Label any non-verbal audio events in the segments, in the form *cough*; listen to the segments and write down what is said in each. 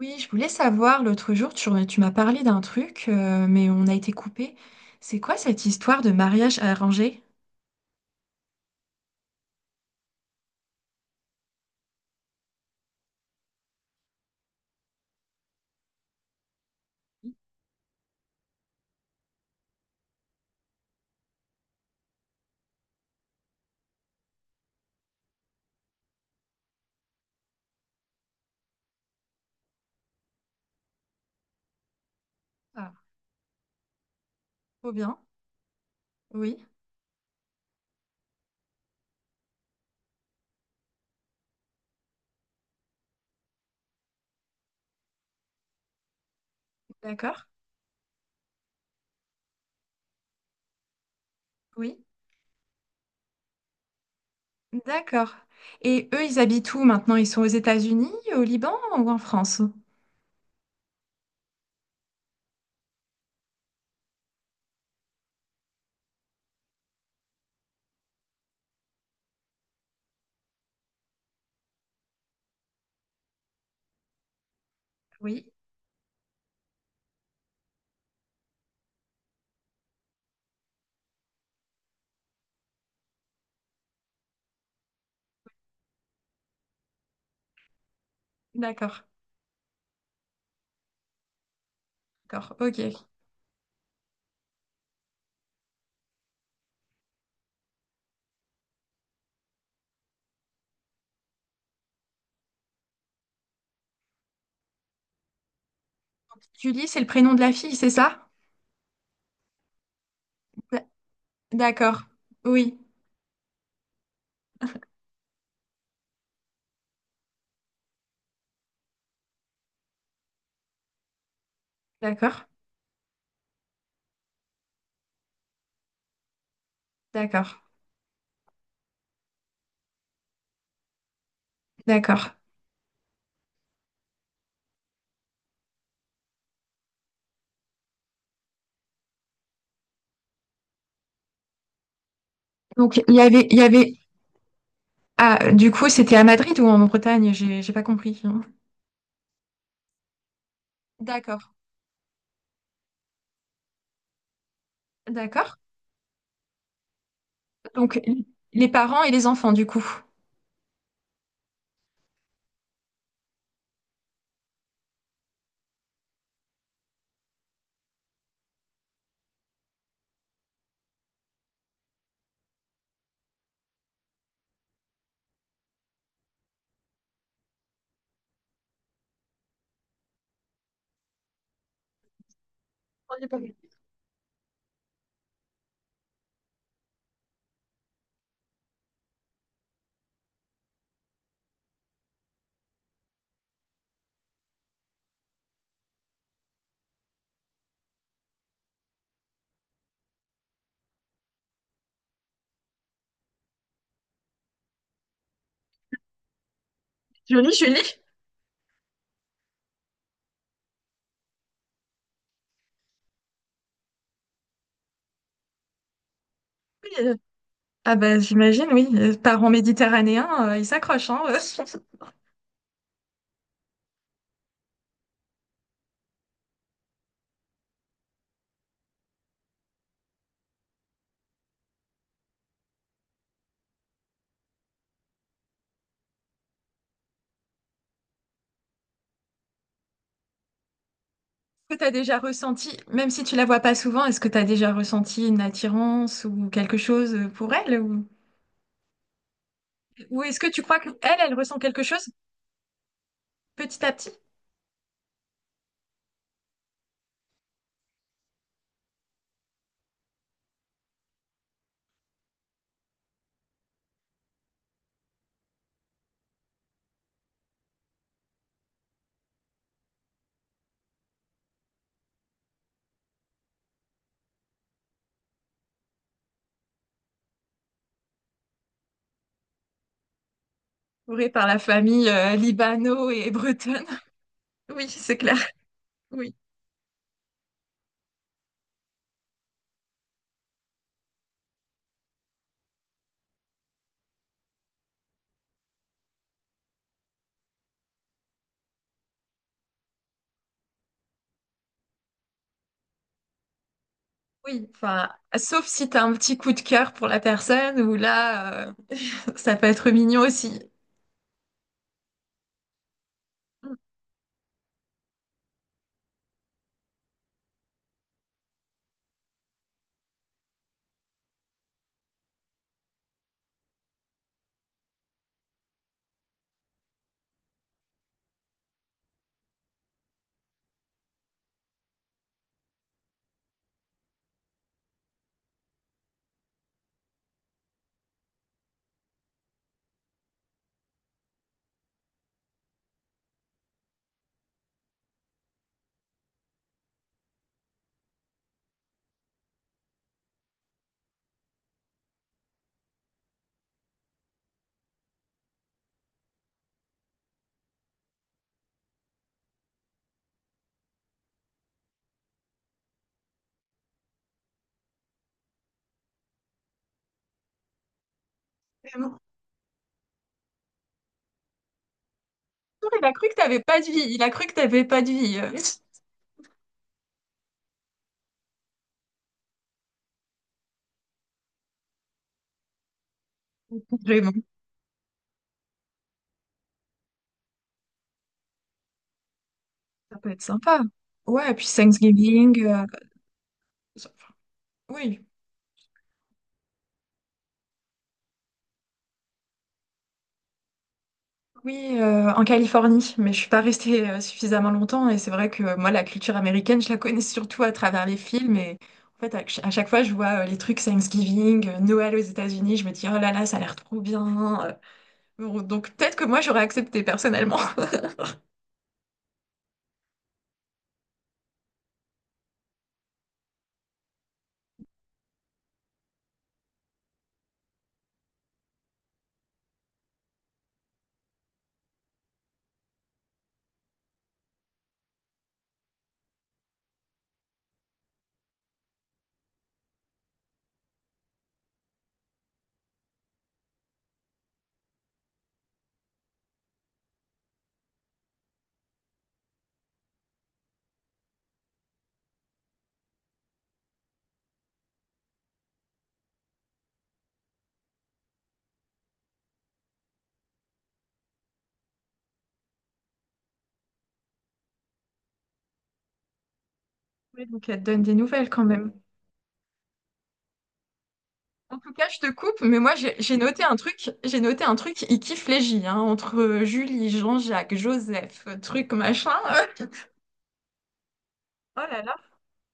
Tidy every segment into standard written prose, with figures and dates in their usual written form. Oui, je voulais savoir, l'autre jour, tu m'as parlé d'un truc, mais on a été coupé. C'est quoi cette histoire de mariage arrangé? Ah, trop bien. Oui, d'accord. Oui, d'accord. Et eux, ils habitent où maintenant? Ils sont aux États-Unis, au Liban ou en France? Oui, d'accord. D'accord, ok. Julie, c'est le prénom de la fille, c'est ça? D- D'accord. Oui, d'accord. D'accord. D'accord. Donc, il y avait... Ah, du coup, c'était à Madrid ou en Bretagne? J'ai pas compris. D'accord. D'accord. Donc, les parents et les enfants, du coup. On est pas mal. Oui, ah bah j'imagine, oui. Parents méditerranéens, ils s'accrochent, hein. *laughs* Est-ce que tu as déjà ressenti, même si tu la vois pas souvent, est-ce que tu as déjà ressenti une attirance ou quelque chose pour elle? Ou est-ce que tu crois qu'elle, elle ressent quelque chose petit à petit? Entourée par la famille libano et bretonne. *laughs* Oui, c'est clair. Oui. Oui, enfin, sauf si tu as un petit coup de cœur pour la personne, ou là, *laughs* ça peut être mignon aussi. Vraiment. Il a cru que t'avais pas de vie. Il a cru que t'avais pas de vie. Vraiment, ça peut être sympa. Ouais, et puis Thanksgiving. ça- enfin, oui, oui, en Californie. Mais je suis pas restée suffisamment longtemps. Et c'est vrai que moi, la culture américaine, je la connais surtout à travers les films. Et en fait, à chaque fois, je vois les trucs Thanksgiving, Noël aux États-Unis. Je me dis, oh là là, ça a l'air trop bien. Bon, donc peut-être que moi, j'aurais accepté personnellement. *laughs* Ouais, donc elle te donne des nouvelles quand même. En tout cas, je te coupe, mais moi j'ai noté un truc, j'ai noté un truc, il kiffe les J, hein, entre Julie, Jean-Jacques, Joseph, truc machin. *laughs* Oh là là,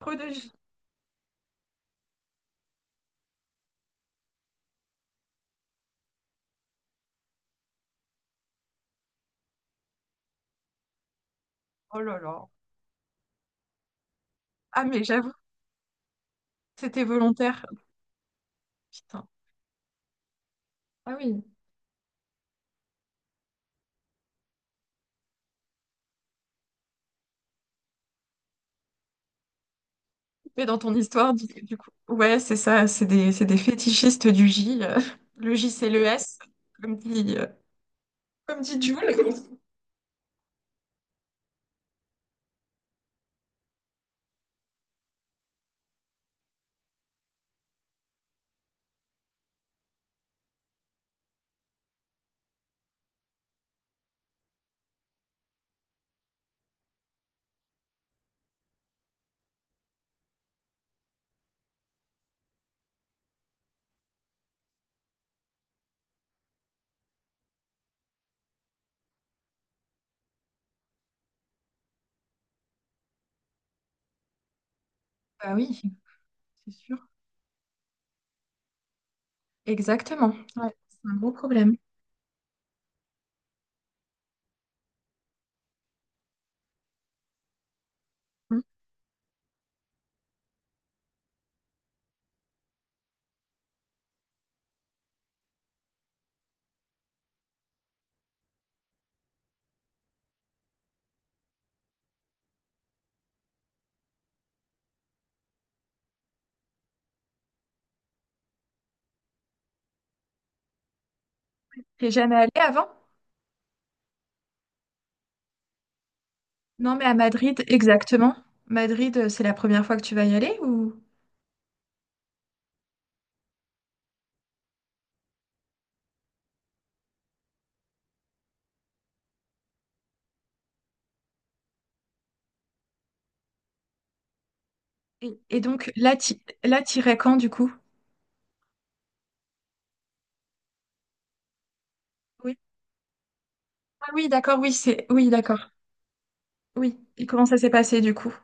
trop de J. Oh là là. Ah mais j'avoue, c'était volontaire. Putain. Ah oui. Mais dans ton histoire, du coup. Ouais, c'est ça, c'est des fétichistes du J. *laughs* Le J, c'est le S, comme dit, euh, comme dit Jules. Bah oui, c'est sûr. Exactement. Ouais, c'est un gros problème. Hmm. T'es jamais allé avant? Non, mais à Madrid, exactement. Madrid, c'est la première fois que tu vas y aller ou... et donc, là, t'irais quand, du coup? Oui. Ah oui, d'accord, oui, c'est... Oui, d'accord. Oui. Et comment ça s'est passé, du coup?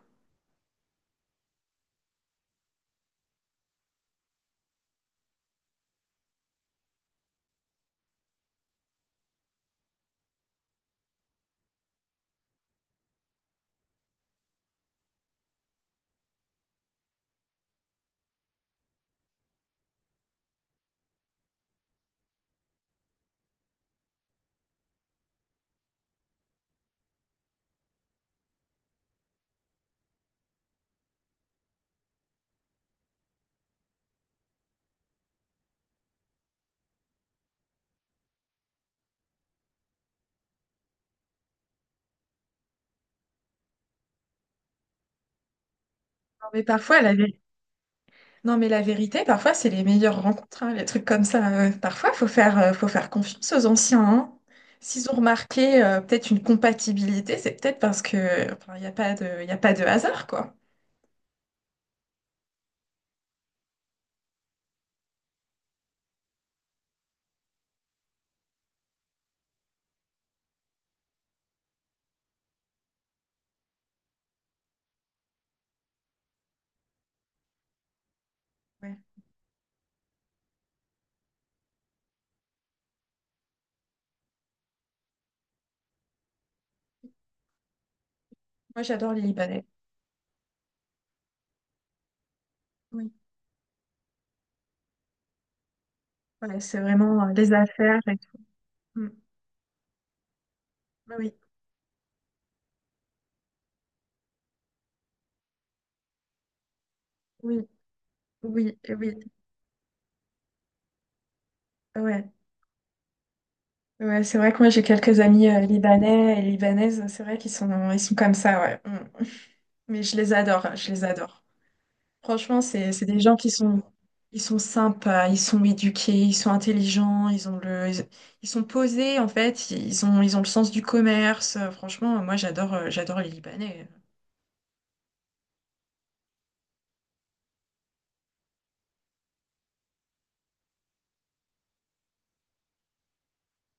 Non, mais parfois, la vé- Non, mais la vérité, parfois, c'est les meilleures rencontres, hein, les trucs comme ça. Parfois, faut faire confiance aux anciens, hein. S'ils ont remarqué, peut-être une compatibilité, c'est peut-être parce que, enfin, il n'y a pas de, y a pas de hasard, quoi. Ouais. Moi, j'adore les Libanais. Oui. Voilà, c'est vraiment, les affaires et tout. Mm. Oui, oui, oui, ouais. Ouais, c'est vrai que moi j'ai quelques amis libanais et libanaises, c'est vrai qu'ils sont, ils sont comme ça, ouais. Mm. Mm. Mais je les adore, hein, je les adore. Franchement, c'est des gens qui sont, ils sont sympas, ils sont éduqués, ils sont intelligents, ils sont posés en fait, ils ont le sens du commerce. Franchement, moi j'adore les Libanais.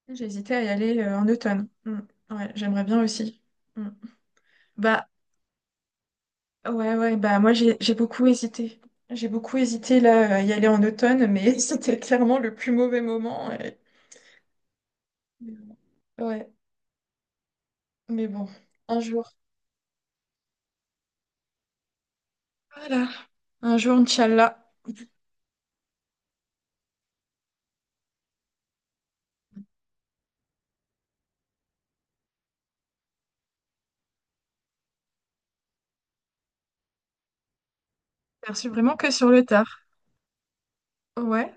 J'ai hésité à y aller en automne. Mm. Ouais, j'aimerais bien aussi. Mm. Bah, ouais, ouais, bah moi j'ai beaucoup hésité. J'ai beaucoup hésité là à y aller en automne, mais *laughs* c'était clairement le plus mauvais moment. Et- Ouais, mais bon, un jour. Voilà. Un jour, Inch'Allah. Perçu vraiment que sur le tard. Ouais.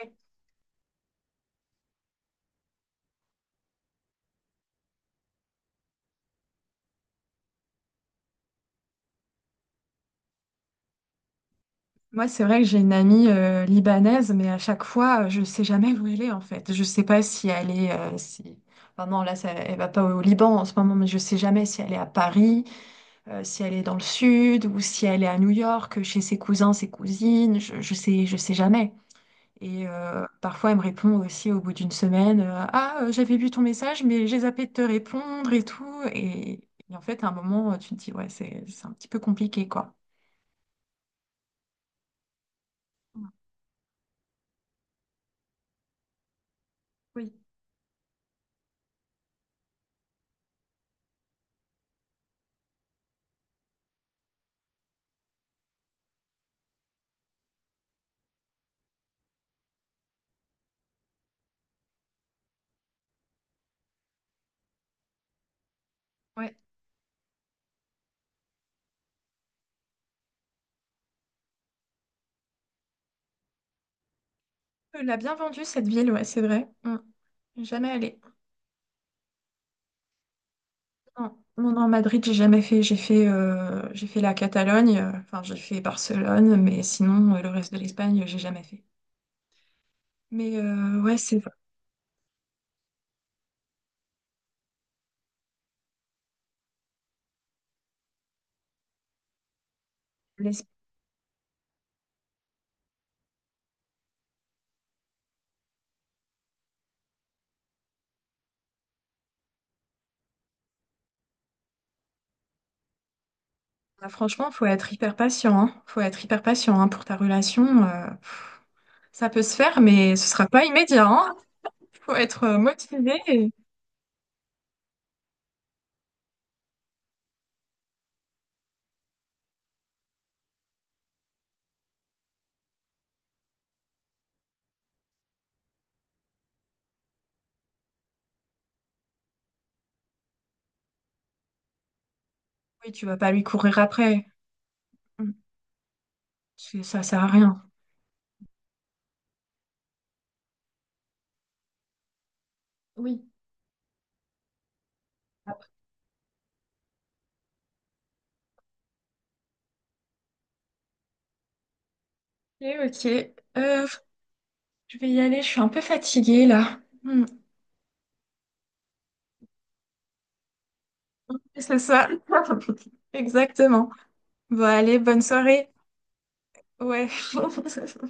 Ouais. Moi, c'est vrai que j'ai une amie libanaise, mais à chaque fois, je sais jamais où elle est en fait. Je sais pas si elle est, si... Enfin non, là, ça, elle va pas au Liban en ce moment, mais je sais jamais si elle est à Paris, si elle est dans le sud ou si elle est à New York, chez ses cousins, ses cousines, je sais jamais. Et parfois, elle me répond aussi au bout d'une semaine, ah, j'avais vu ton message, mais j'ai zappé de te répondre et tout. Et, et en fait, à un moment, tu te dis, ouais, c'est un petit peu compliqué, quoi. Oui, ouais. Elle l'a bien vendue, cette ville, ouais, c'est vrai. Mm. Jamais allé. Non, non, non, Madrid, j'ai jamais fait. J'ai fait, j'ai fait la Catalogne, enfin, j'ai fait Barcelone, mais sinon, le reste de l'Espagne, j'ai jamais fait. Mais ouais, les- franchement, faut être hyper patient, hein. Faut être hyper patient hein, pour ta relation. Ça peut se faire, mais ce sera pas immédiat, hein. Faut être motivé. Et- Oui, tu vas pas lui courir après. Mm. C'est- Ça sert à rien. Oui. Après, ok. Euh, je vais y aller. Je suis un peu fatiguée là. Mm. C'est ça. *laughs* Exactement. Bon, allez, bonne soirée. Ouais. *laughs*